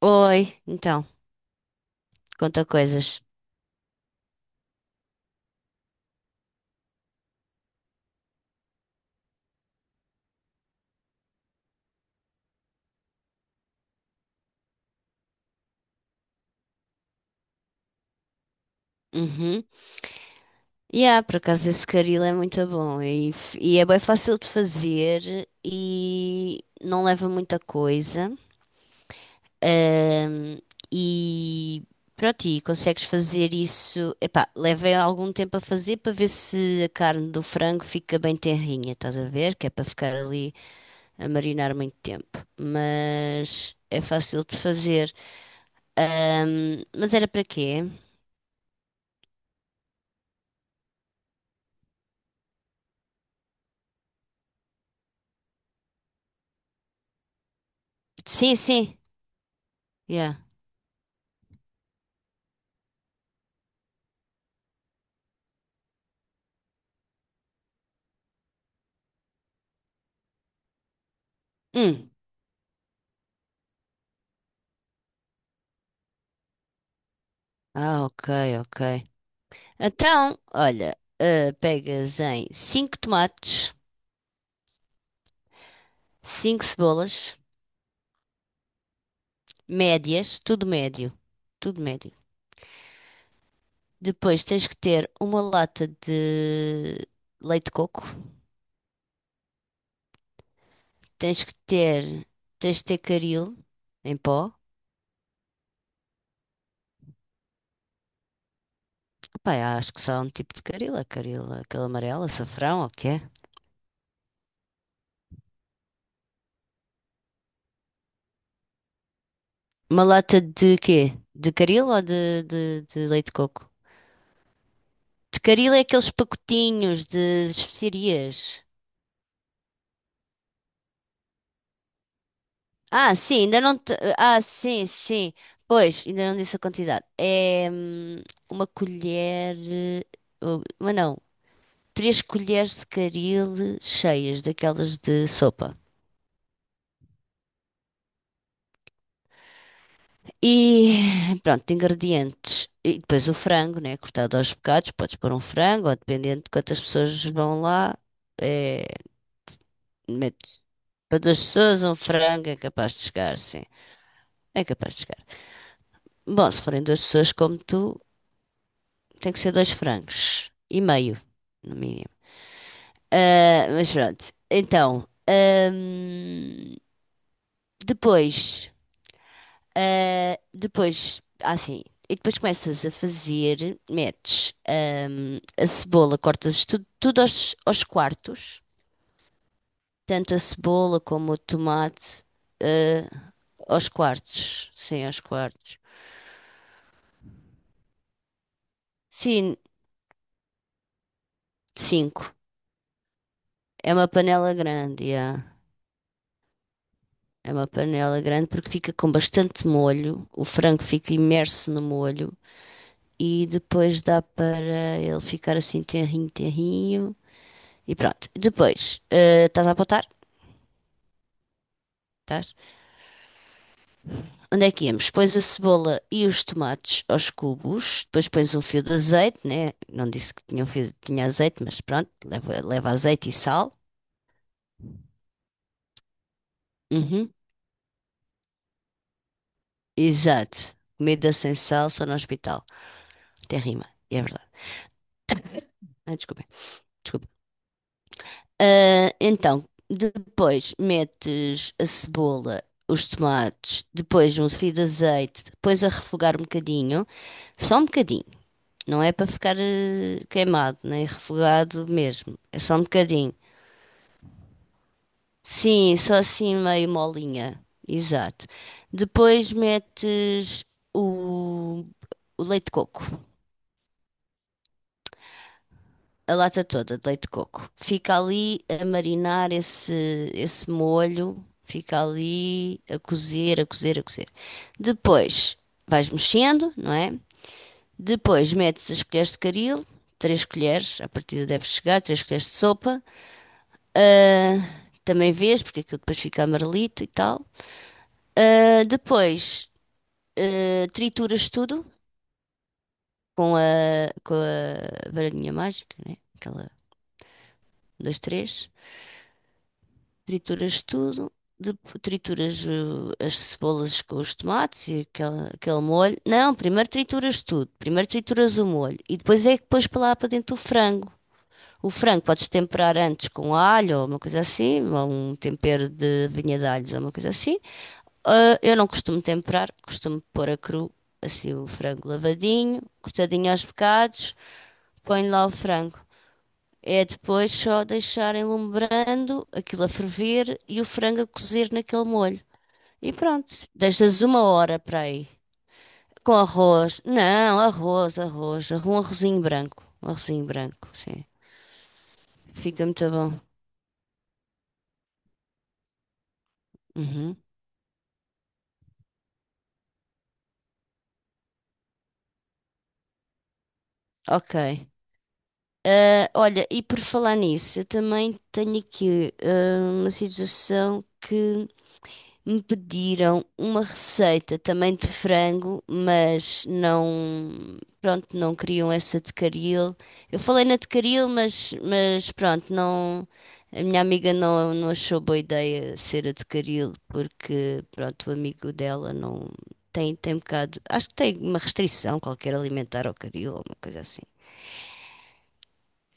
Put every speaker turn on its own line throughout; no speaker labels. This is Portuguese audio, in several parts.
Oi, então, conta coisas. Uhum. Yeah, por acaso esse caril é muito bom e é bem fácil de fazer e não leva muita coisa. Ahm, e pronto, e consegues fazer isso. Epá, leva algum tempo a fazer para ver se a carne do frango fica bem tenrinha, estás a ver? Que é para ficar ali a marinar muito tempo. Mas é fácil de fazer. Mas era para quê? Sim, sim. Yeah. Hum. Ah, ok, ok. Então, olha, pegas em 5 tomates, cinco cebolas, médias, tudo médio, tudo médio. Depois tens que ter uma lata de leite de coco, tens que ter, tens de ter caril em pó. Epá, eu acho que só há um tipo de caril, é caril, aquele amarelo, açafrão, ou o que é? Uma lata de quê? De caril ou de leite de coco? Tecaril é aqueles pacotinhos de especiarias. Ah, sim, ainda não te... Ah, sim, sim. Pois, ainda não disse a quantidade. É uma colher. Oh, Mas não. Três colheres de caril cheias, daquelas de sopa. E pronto, ingredientes. E depois o frango, né? Cortado aos bocados. Podes pôr um frango, ou dependendo de quantas pessoas vão lá. É, metes para duas pessoas, um frango é capaz de chegar, sim. É capaz de chegar. Bom, se forem duas pessoas como tu, tem que ser dois francos e meio, no mínimo. Ah, mas pronto, então, depois, depois, assim, e depois começas a fazer, metes, a cebola, cortas tudo, tudo aos quartos, tanto a cebola como o tomate, ah, aos quartos. Sim, cinco. É uma panela grande, yeah. É uma panela grande porque fica com bastante molho, o frango fica imerso no molho e depois dá para ele ficar assim terrinho, terrinho e pronto. Depois, estás a apontar? Estás? Onde é que íamos? Pões a cebola e os tomates aos cubos, depois pões um fio de azeite, né? Não disse que tinha um fio, tinha azeite, mas pronto, leva azeite e sal. Uhum. Exato. Comida sem sal só no hospital. Tem rima, é verdade. Ah, desculpem. Desculpem. Ah, então, depois metes a cebola, os tomates, depois um fio de azeite, depois a refogar um bocadinho, só um bocadinho, não é para ficar queimado, nem refogado mesmo, é só um bocadinho. Sim, só assim meio molinha, exato. Depois metes o, o leite de coco, a lata toda de leite de coco. Fica ali a marinar esse molho, fica ali a cozer, a cozer, a cozer. Depois vais mexendo, não é? Depois metes as colheres de caril, três colheres, à partida deve chegar, três colheres de sopa. Ah, também vês, porque aquilo depois fica amarelito e tal. Ah, depois trituras tudo com a varinha mágica, né? Aquela, dois, três. Trituras tudo, de trituras as cebolas com os tomates e aquele molho. Não, primeiro trituras tudo, primeiro trituras o molho e depois é que pões para lá para dentro o frango. O frango podes temperar antes com alho ou uma coisa assim, ou um tempero de vinha de alhos ou uma coisa assim. Ah, eu não costumo temperar, costumo pôr a cru, assim o frango lavadinho, cortadinho aos bocados, ponho lá o frango. É depois só deixar enlumbrando, aquilo a ferver e o frango a cozer naquele molho. E pronto, deixas uma hora para aí. Com arroz. Não, arroz, arroz. Um arrozinho branco. Um arrozinho branco, sim. Fica muito bom. Uhum. Ok. Ah, olha, e por falar nisso, eu também tenho aqui uma situação que me pediram uma receita também de frango, mas não, pronto, não queriam essa de caril. Eu falei na de caril, mas pronto, não, a minha amiga não, não achou boa ideia ser a de caril, porque pronto, o amigo dela não tem um bocado, acho que tem uma restrição qualquer alimentar ao caril ou uma coisa assim.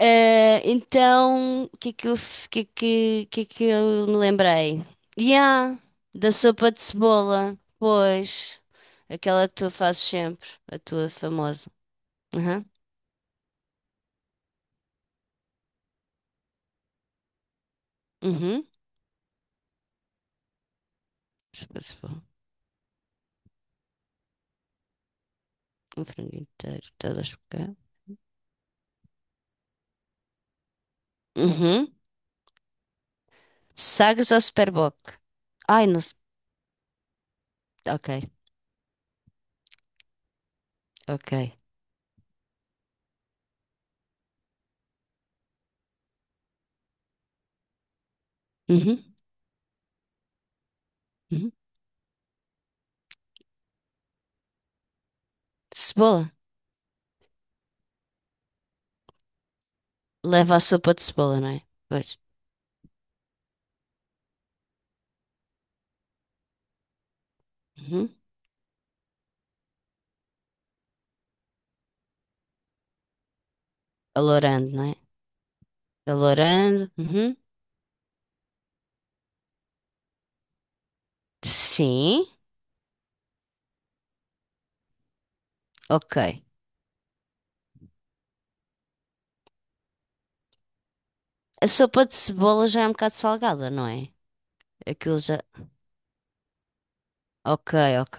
Então, o que é que eu, f- que é que eu me lembrei? Yeah, da sopa de cebola, pois. Aquela que tu fazes sempre, a tua famosa. Aham, uhum. Sopa de cebola, um frango inteiro, todo as bocadas. Uhum. Sagres ou superboc? Ai, não sei. Ok, ok. Uhum, uhum. Cebola. Leva a sopa de cebola, não é? Pois. Uhum. Alourando, não é? Alourando. Uhum. Sim, ok. A sopa de cebola já é um bocado salgada, não é? Aquilo já. Ok, ok,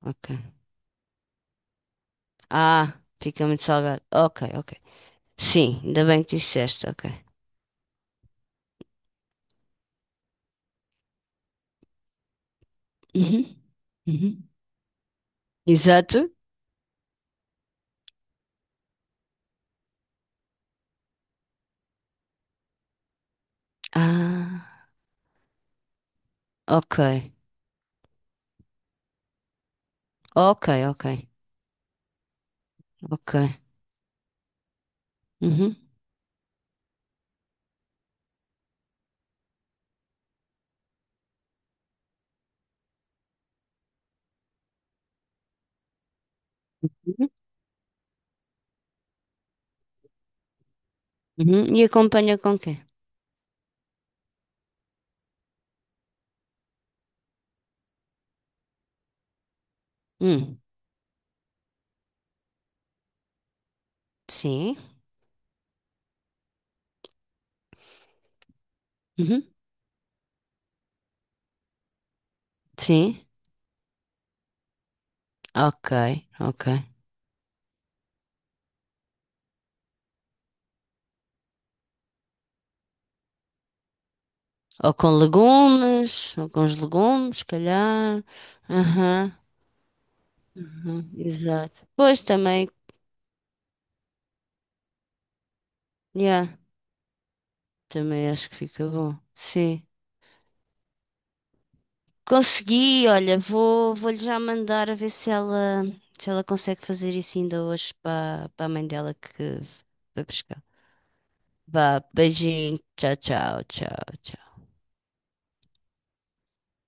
ok. Ah, fica muito salgado. Ok, ok. Sim, ainda bem que disseste, ok. Uhum, uhum. Exato. Ah, ok. Ok, ok, ok. Uhum, uhum, uhum. E acompanha com quê? Hum, sim. Uhum, sim. Ok, ok. Ou com legumes, ou com os legumes, se calhar. Aham. Uhum, exato. Pois também, yeah, também acho que fica bom. Sim. Consegui, olha, vou-lhe já mandar a ver se ela, consegue fazer isso ainda hoje para a mãe dela que vai buscar. Vá, beijinho, tchau, tchau, tchau, tchau.